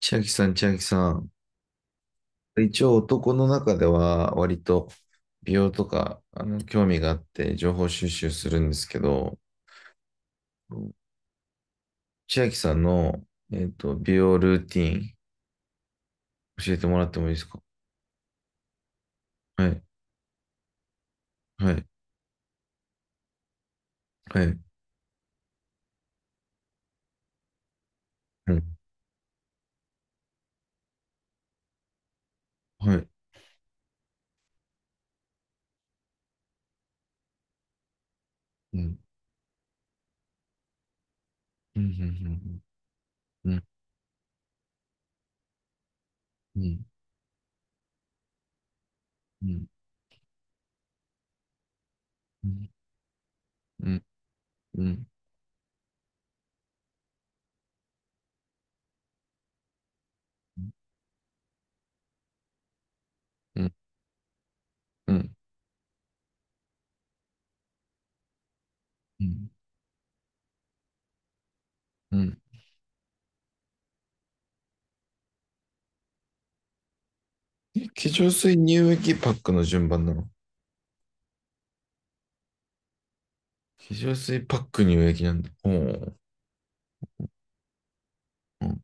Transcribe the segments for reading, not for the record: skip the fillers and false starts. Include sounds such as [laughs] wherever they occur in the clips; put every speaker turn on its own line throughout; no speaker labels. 千秋さん、千秋さん。一応男の中では割と美容とか興味があって情報収集するんですけど、千秋さんの、美容ルーティン教えてもらってもいいですか？はい、はい、はい、うん、はい、うん、うん、うん、うん、うん、うん、うん、うん、うん、うん、うん。うん。え、化粧水乳液パックの順番なの？化粧水パック乳液なんだ。おー。うん。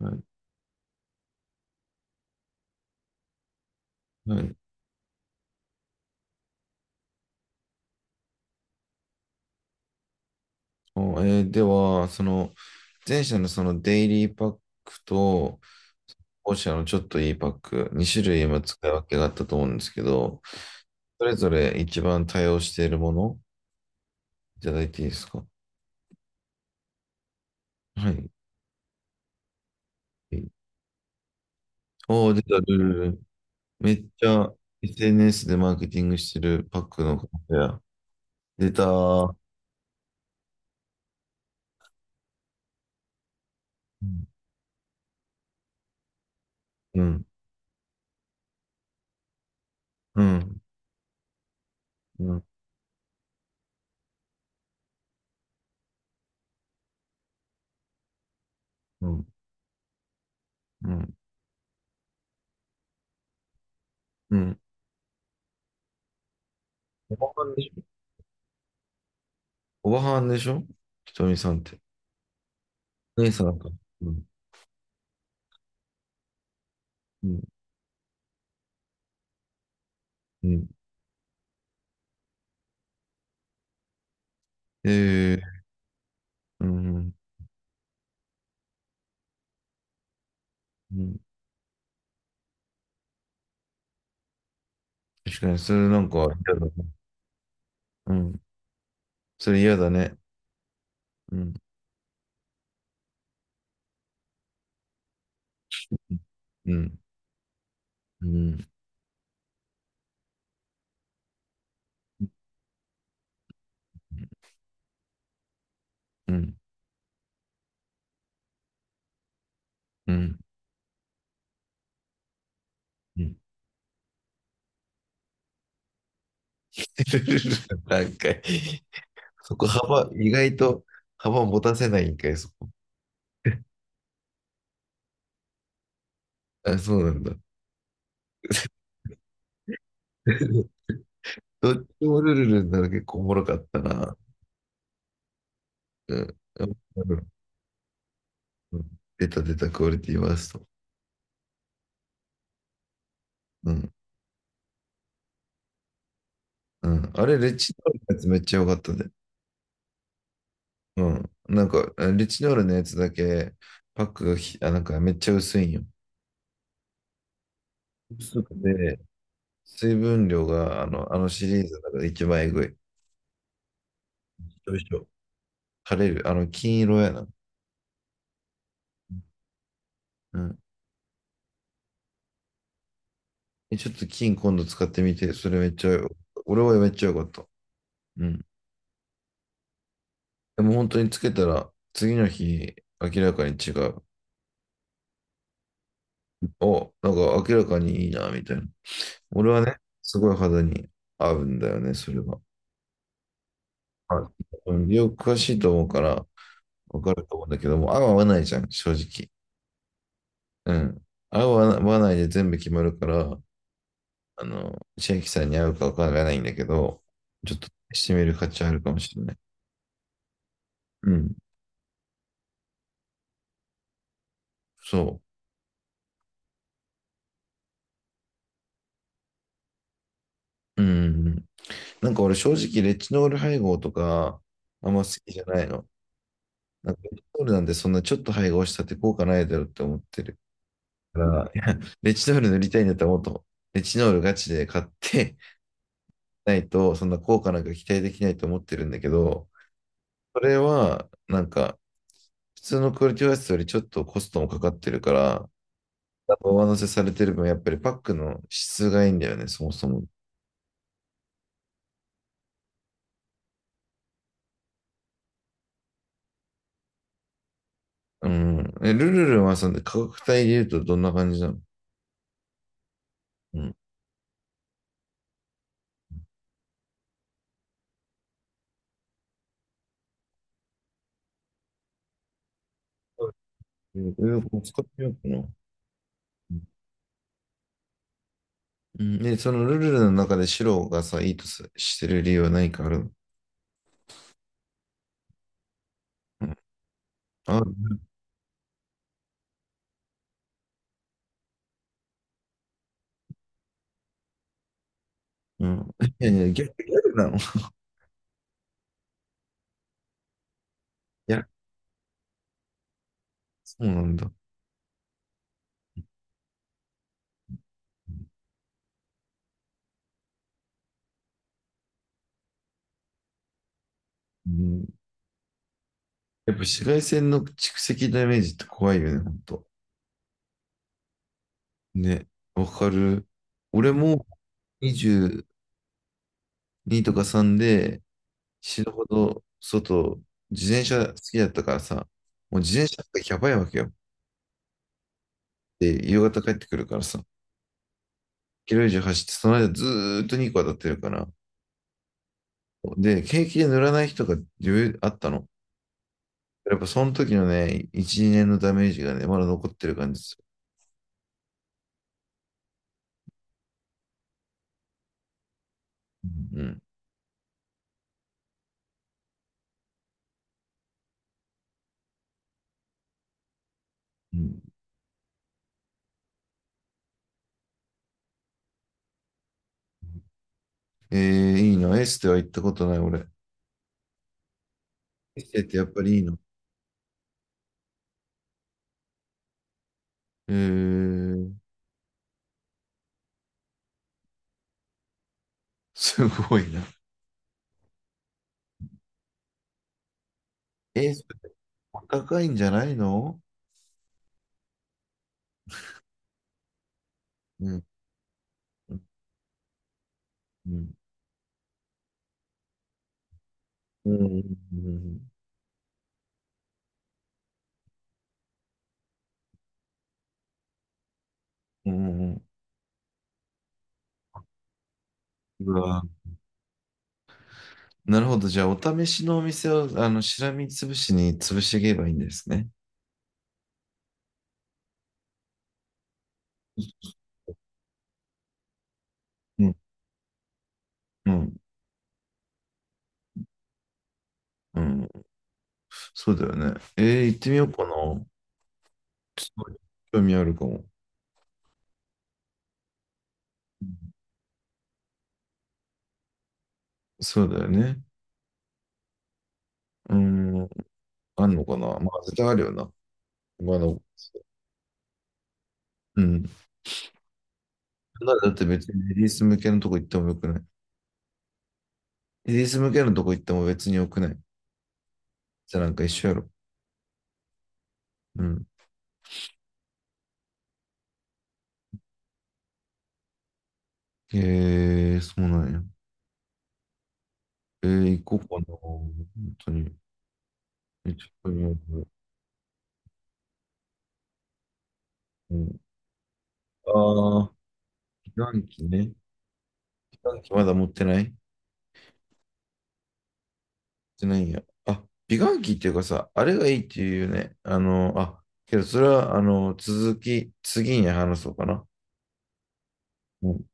はい。はい。おでは、その、前者のそのデイリーパックと、後者のちょっといいパック、2種類今使い分けがあったと思うんですけど、それぞれ一番対応しているもの、いただいていいですか？はい。おー、出た、ルルル。めっちゃ SNS でマーケティングしてるパックの方や。出たー。うん、うん、うん、うん、うん、うん。おばはんでしょ？おばはんでしょ？ひとみさんって。姉さんか。うん、うん、ええ、うん、うん。確かに、それなんか嫌だね。うん。それ嫌だね。うん、うん、うん、うん、うん。うん。 [laughs] なんか、そこ幅、意外と幅持たせないんかい、そこ。あ、そうなんだ。[laughs] どっちもルルルになる結構おもろかったな。うん。うん、出た出た、クオリティワースト。うん。うん。あれ、レッチリのやつめっちゃ良かったね。うん。なんか、リチノールのやつだけ、パックがあ、なんかめっちゃ薄いんよ。薄くて水分量が、あのシリーズのかで一番えぐい。よいしょ。枯れる。あの、金色やな。うん。え、ちょっと金今度使ってみて、それめっちゃよ、俺はめっちゃよかった。うん。でも本当につけたら、次の日、明らかに違う。お、なんか明らかにいいな、みたいな。俺はね、すごい肌に合うんだよね、それは。はい。うん、美容詳しいと思うから、わかると思うんだけども、合う合わないじゃん、正直。うん。合う合わないで全部決まるから、あの、千秋さんに合うかわからないんだけど、ちょっと試してみる価値あるかもしれない。うん。そう。うん。なんか俺正直、レチノール配合とか、あんま好きじゃないの。なんかレチノールなんてそんなちょっと配合したって効果ないだろうって思ってるから、[laughs] いや、レチノール塗りたいんだったらもっと、レチノールガチで買ってないと、そんな効果なんか期待できないと思ってるんだけど、それは、なんか、普通のクオリティオアシスよりちょっとコストもかかってるから、上乗せされてる分、やっぱりパックの質がいいんだよね、そもそも。うん。え、ルルルンはさで価格帯で言うとどんな感じなの？うん。使ってみようかな。うん。で、そのルルルンの中で白がさ、いいとさしてる理由は何かあるの？うん。あ、うん。いやいや、逆、逆なの。 [laughs] いや、そうなんだ。うん。やっぱ紫外線の蓄積ダメージって怖いよね、ほんと。ね、わかる。俺も22とか3で死ぬほど外、自転車好きだったからさ、もう自転車ってやばいわけよ。で、夕方帰ってくるからさ、キロ以上走って、その間ずーっと2個当たってるから。で、景気で塗らない人が余裕あったの。やっぱその時のね、1、2年のダメージがね、まだ残ってる感じですよ。うん。うん、えー、いいな。エステは行ったことない、俺。エステってやっぱりいいの？えー、すごいな。えー高いんじゃないの？うん。うん。うん。うん。うん、うわ、なるほど。じゃあ、お試しのお店を、あの、しらみつぶしに潰していけばいいんですね。うん。うん。うん。そうだよね。えー、行ってみようかな。すごい興味あるかも。そうだよね。うん。あんのかな。まあ、絶対あるよな。まあ、うん。なんだって別にレディース向けのとこ行ってもよくない？レディース向けのとこ行っても別によくない？じゃあ、なんか一緒やろ。うん。へえー、そうなんや。えー、行こうかな。本当に。え、ちょっと今、うん、ああ、美顔器ね。美顔器まだ持ってない持ってないんや。あ、美顔器っていうかさ、あれがいいっていうよね。あの、あ、けどそれは、あの、次に話そうかな。うん。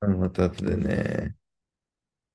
あのまた後でね。